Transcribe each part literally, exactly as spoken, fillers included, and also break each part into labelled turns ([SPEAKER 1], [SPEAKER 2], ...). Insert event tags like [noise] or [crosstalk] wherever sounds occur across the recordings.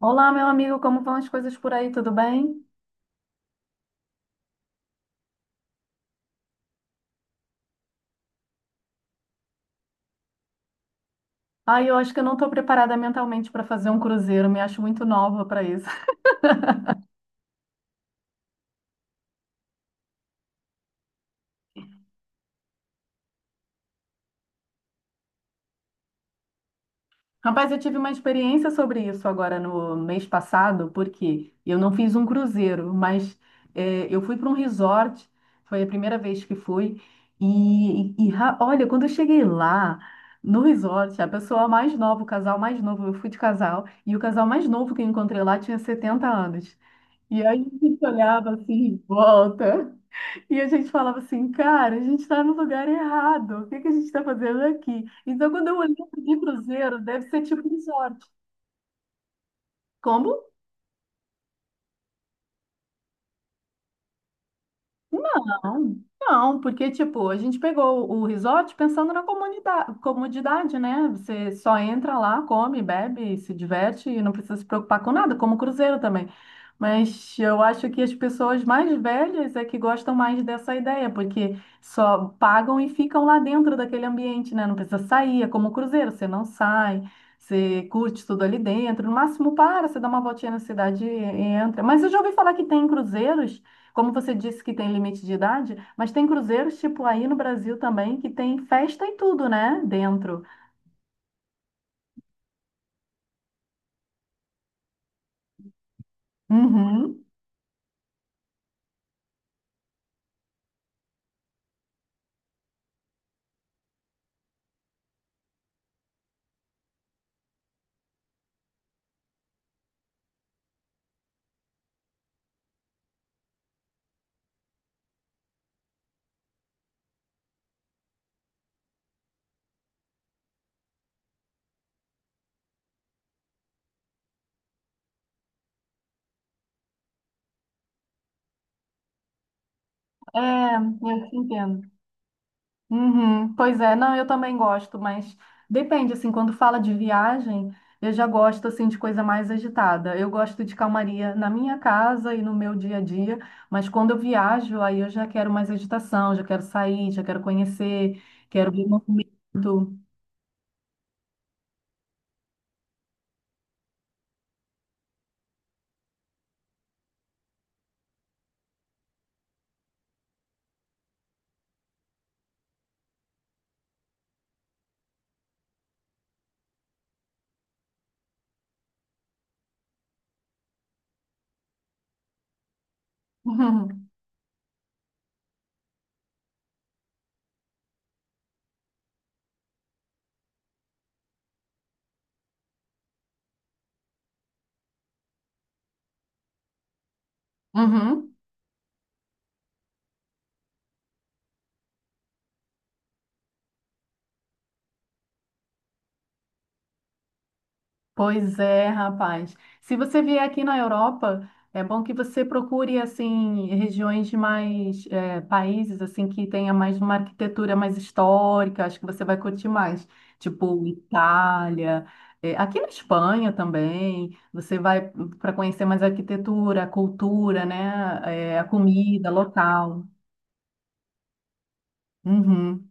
[SPEAKER 1] Olá, meu amigo, como vão as coisas por aí? Tudo bem? Ai, eu acho que eu não estou preparada mentalmente para fazer um cruzeiro, me acho muito nova para isso. [laughs] Rapaz, eu tive uma experiência sobre isso agora no mês passado, porque eu não fiz um cruzeiro, mas é, eu fui para um resort, foi a primeira vez que fui, e, e ra- olha, quando eu cheguei lá no resort, a pessoa mais nova, o casal mais novo, eu fui de casal, e o casal mais novo que eu encontrei lá tinha setenta anos. E aí a gente olhava assim em volta. E a gente falava assim, cara, a gente está no lugar errado, o que que a gente está fazendo aqui? Então, quando eu olhei de cruzeiro, deve ser tipo um resort. Como? Não, não, porque, tipo, a gente pegou o resort pensando na comunidade, comodidade, né? Você só entra lá, come, bebe, se diverte e não precisa se preocupar com nada, como o cruzeiro também. Mas eu acho que as pessoas mais velhas é que gostam mais dessa ideia, porque só pagam e ficam lá dentro daquele ambiente, né? Não precisa sair, é como o cruzeiro, você não sai, você curte tudo ali dentro, no máximo para, você dá uma voltinha na cidade e entra. Mas eu já ouvi falar que tem cruzeiros como você disse que tem limite de idade, mas tem cruzeiros tipo aí no Brasil também que tem festa e tudo, né? Dentro. Uhum. É, eu te entendo. Uhum. Pois é, não, eu também gosto, mas depende, assim, quando fala de viagem, eu já gosto, assim, de coisa mais agitada. Eu gosto de calmaria na minha casa e no meu dia a dia, mas quando eu viajo, aí eu já quero mais agitação, já quero sair, já quero conhecer, quero ver movimento. Uhum. Uhum. Pois é, rapaz. Se você vier aqui na Europa, é bom que você procure assim regiões de mais eh, países assim que tenha mais uma arquitetura mais histórica. Acho que você vai curtir mais, tipo Itália, eh, aqui na Espanha também. Você vai para conhecer mais a arquitetura, a cultura, né? eh, a comida local. Uhum.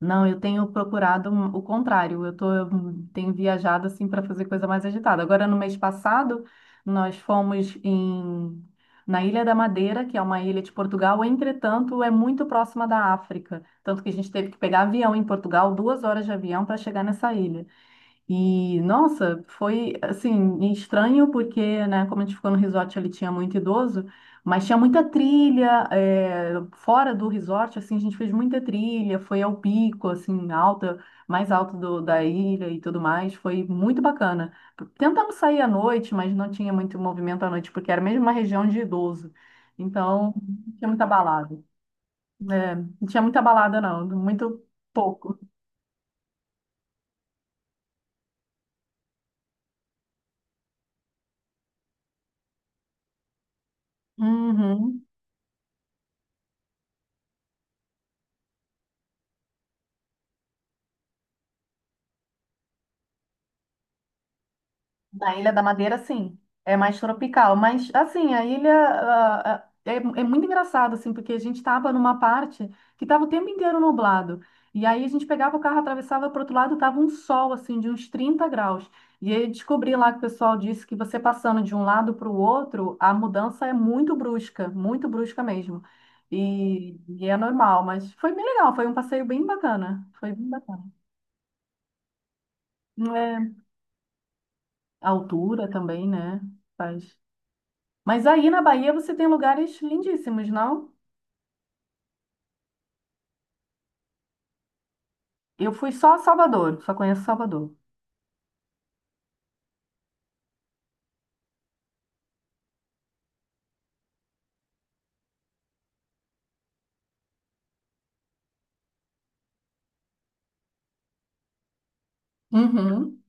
[SPEAKER 1] Não, eu tenho procurado um- o contrário. Eu tô, eu tenho viajado assim para fazer coisa mais agitada. Agora, no mês passado, nós fomos em, na Ilha da Madeira, que é uma ilha de Portugal. Entretanto, é muito próxima da África. Tanto que a gente teve que pegar avião em Portugal, duas horas de avião para chegar nessa ilha. E, nossa, foi, assim, estranho porque, né, como a gente ficou no resort, ele tinha muito idoso, mas tinha muita trilha, é, fora do resort, assim, a gente fez muita trilha, foi ao pico, assim, alta, mais alto do- da ilha e tudo mais, foi muito bacana. Tentamos sair à noite, mas não tinha muito movimento à noite, porque era mesmo uma região de idoso, então não tinha muita balada, né? Não tinha muita balada não, muito pouco. Uhum. Na Ilha da Madeira, sim, é mais tropical, mas assim, a ilha ah, ah, é, é muito engraçado, assim, porque a gente estava numa parte que estava o tempo inteiro nublado, e aí a gente pegava o carro, atravessava para outro lado, tava um sol, assim, de uns trinta graus, e aí eu descobri lá que o pessoal disse que você passando de um lado para o outro, a mudança é muito brusca, muito brusca mesmo, e, e é normal, mas foi bem legal, foi um passeio bem bacana, foi bem bacana. É, a altura também, né, faz. Mas aí na Bahia você tem lugares lindíssimos, não? Eu fui só a Salvador, só conheço Salvador. Uhum.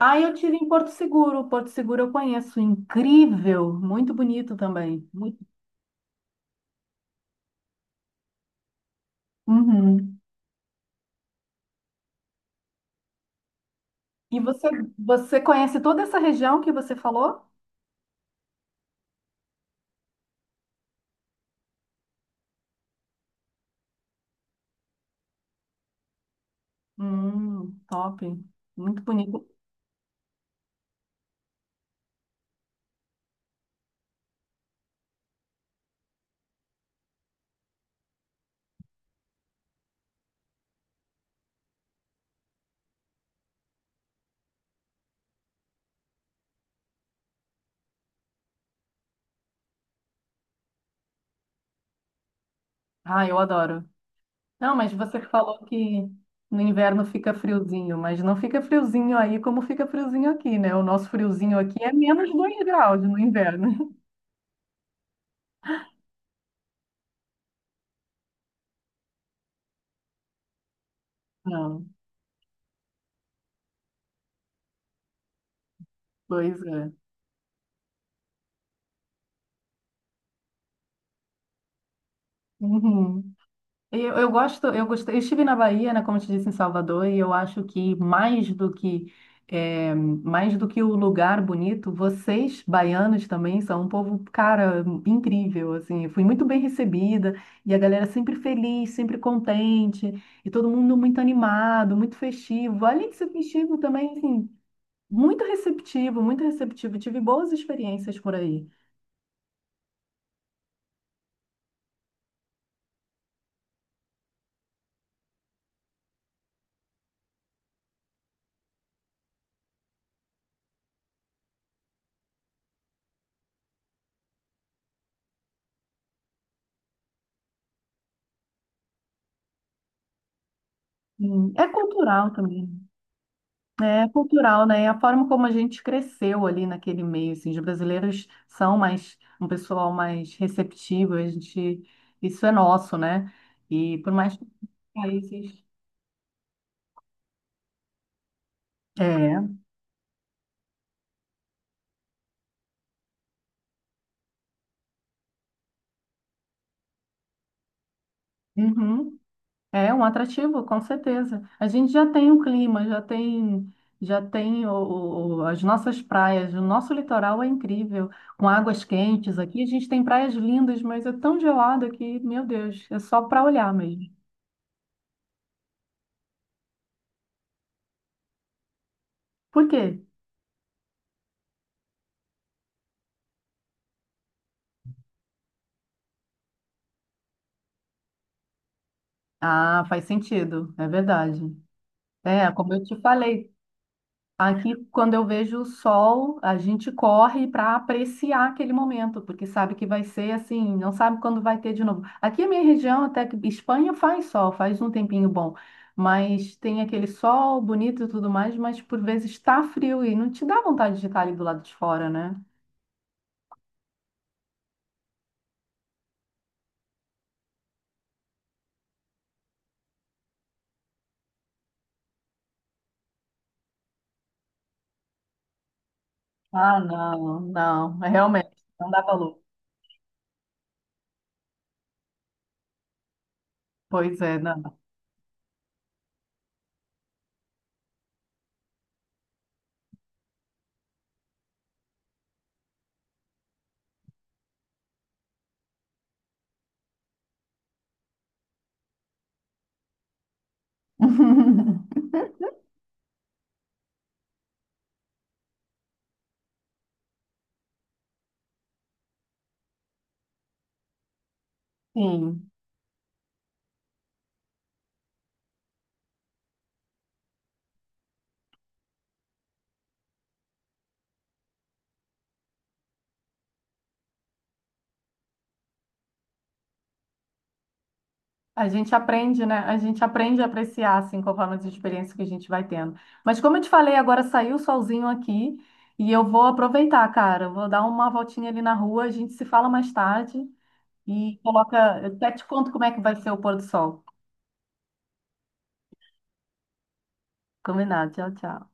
[SPEAKER 1] Aí eu tive em Porto Seguro. Porto Seguro eu conheço, incrível, muito bonito também. Muito. Uhum. E você, você conhece toda essa região que você falou? Hum, top, muito bonito. Ah, eu adoro. Não, mas você falou que no inverno fica friozinho, mas não fica friozinho aí como fica friozinho aqui, né? O nosso friozinho aqui é menos dois graus no inverno. [laughs] Não. Pois é. Uhum. Eu, eu gosto, eu gostei. Eu estive na Bahia, né, como eu te disse, em Salvador, e eu acho que mais do que é, mais do que o lugar bonito, vocês, baianos, também são um povo, cara, incrível, assim. Eu fui muito bem recebida, e a galera sempre feliz, sempre contente, e todo mundo muito animado, muito festivo. Além de ser festivo também, assim, muito receptivo, muito receptivo. Tive boas experiências por aí. Hum, É cultural também. É cultural, né? A forma como a gente cresceu ali naquele meio, assim, os brasileiros são mais um pessoal mais receptivo, a gente, isso é nosso, né? E por mais que os países é, uhum, é um atrativo, com certeza. A gente já tem o clima, já tem, já tem o, o- o- as nossas praias, o nosso litoral é incrível, com águas quentes aqui. A gente tem praias lindas, mas é tão gelado aqui, meu Deus, é só para olhar mesmo. Por quê? Ah, faz sentido, é verdade. É, como eu te falei, aqui quando eu vejo o sol, a gente corre para apreciar aquele momento, porque sabe que vai ser assim, não sabe quando vai ter de novo. Aqui a minha região, até que Espanha faz sol, faz um tempinho bom, mas tem aquele sol bonito e tudo mais, mas por vezes está frio e não te dá vontade de estar ali do lado de fora, né? Ah, não, não, realmente, não dá valor. Pois é, não. [laughs] Sim. A gente aprende, né? A gente aprende a apreciar, assim, conforme as experiências que a gente vai tendo. Mas como eu te falei, agora saiu o solzinho aqui e eu vou aproveitar, cara. Eu Vou dar uma voltinha ali na rua, a gente se fala mais tarde e coloca. Eu até te conto como é que vai ser o pôr do sol. Combinado. Tchau, tchau.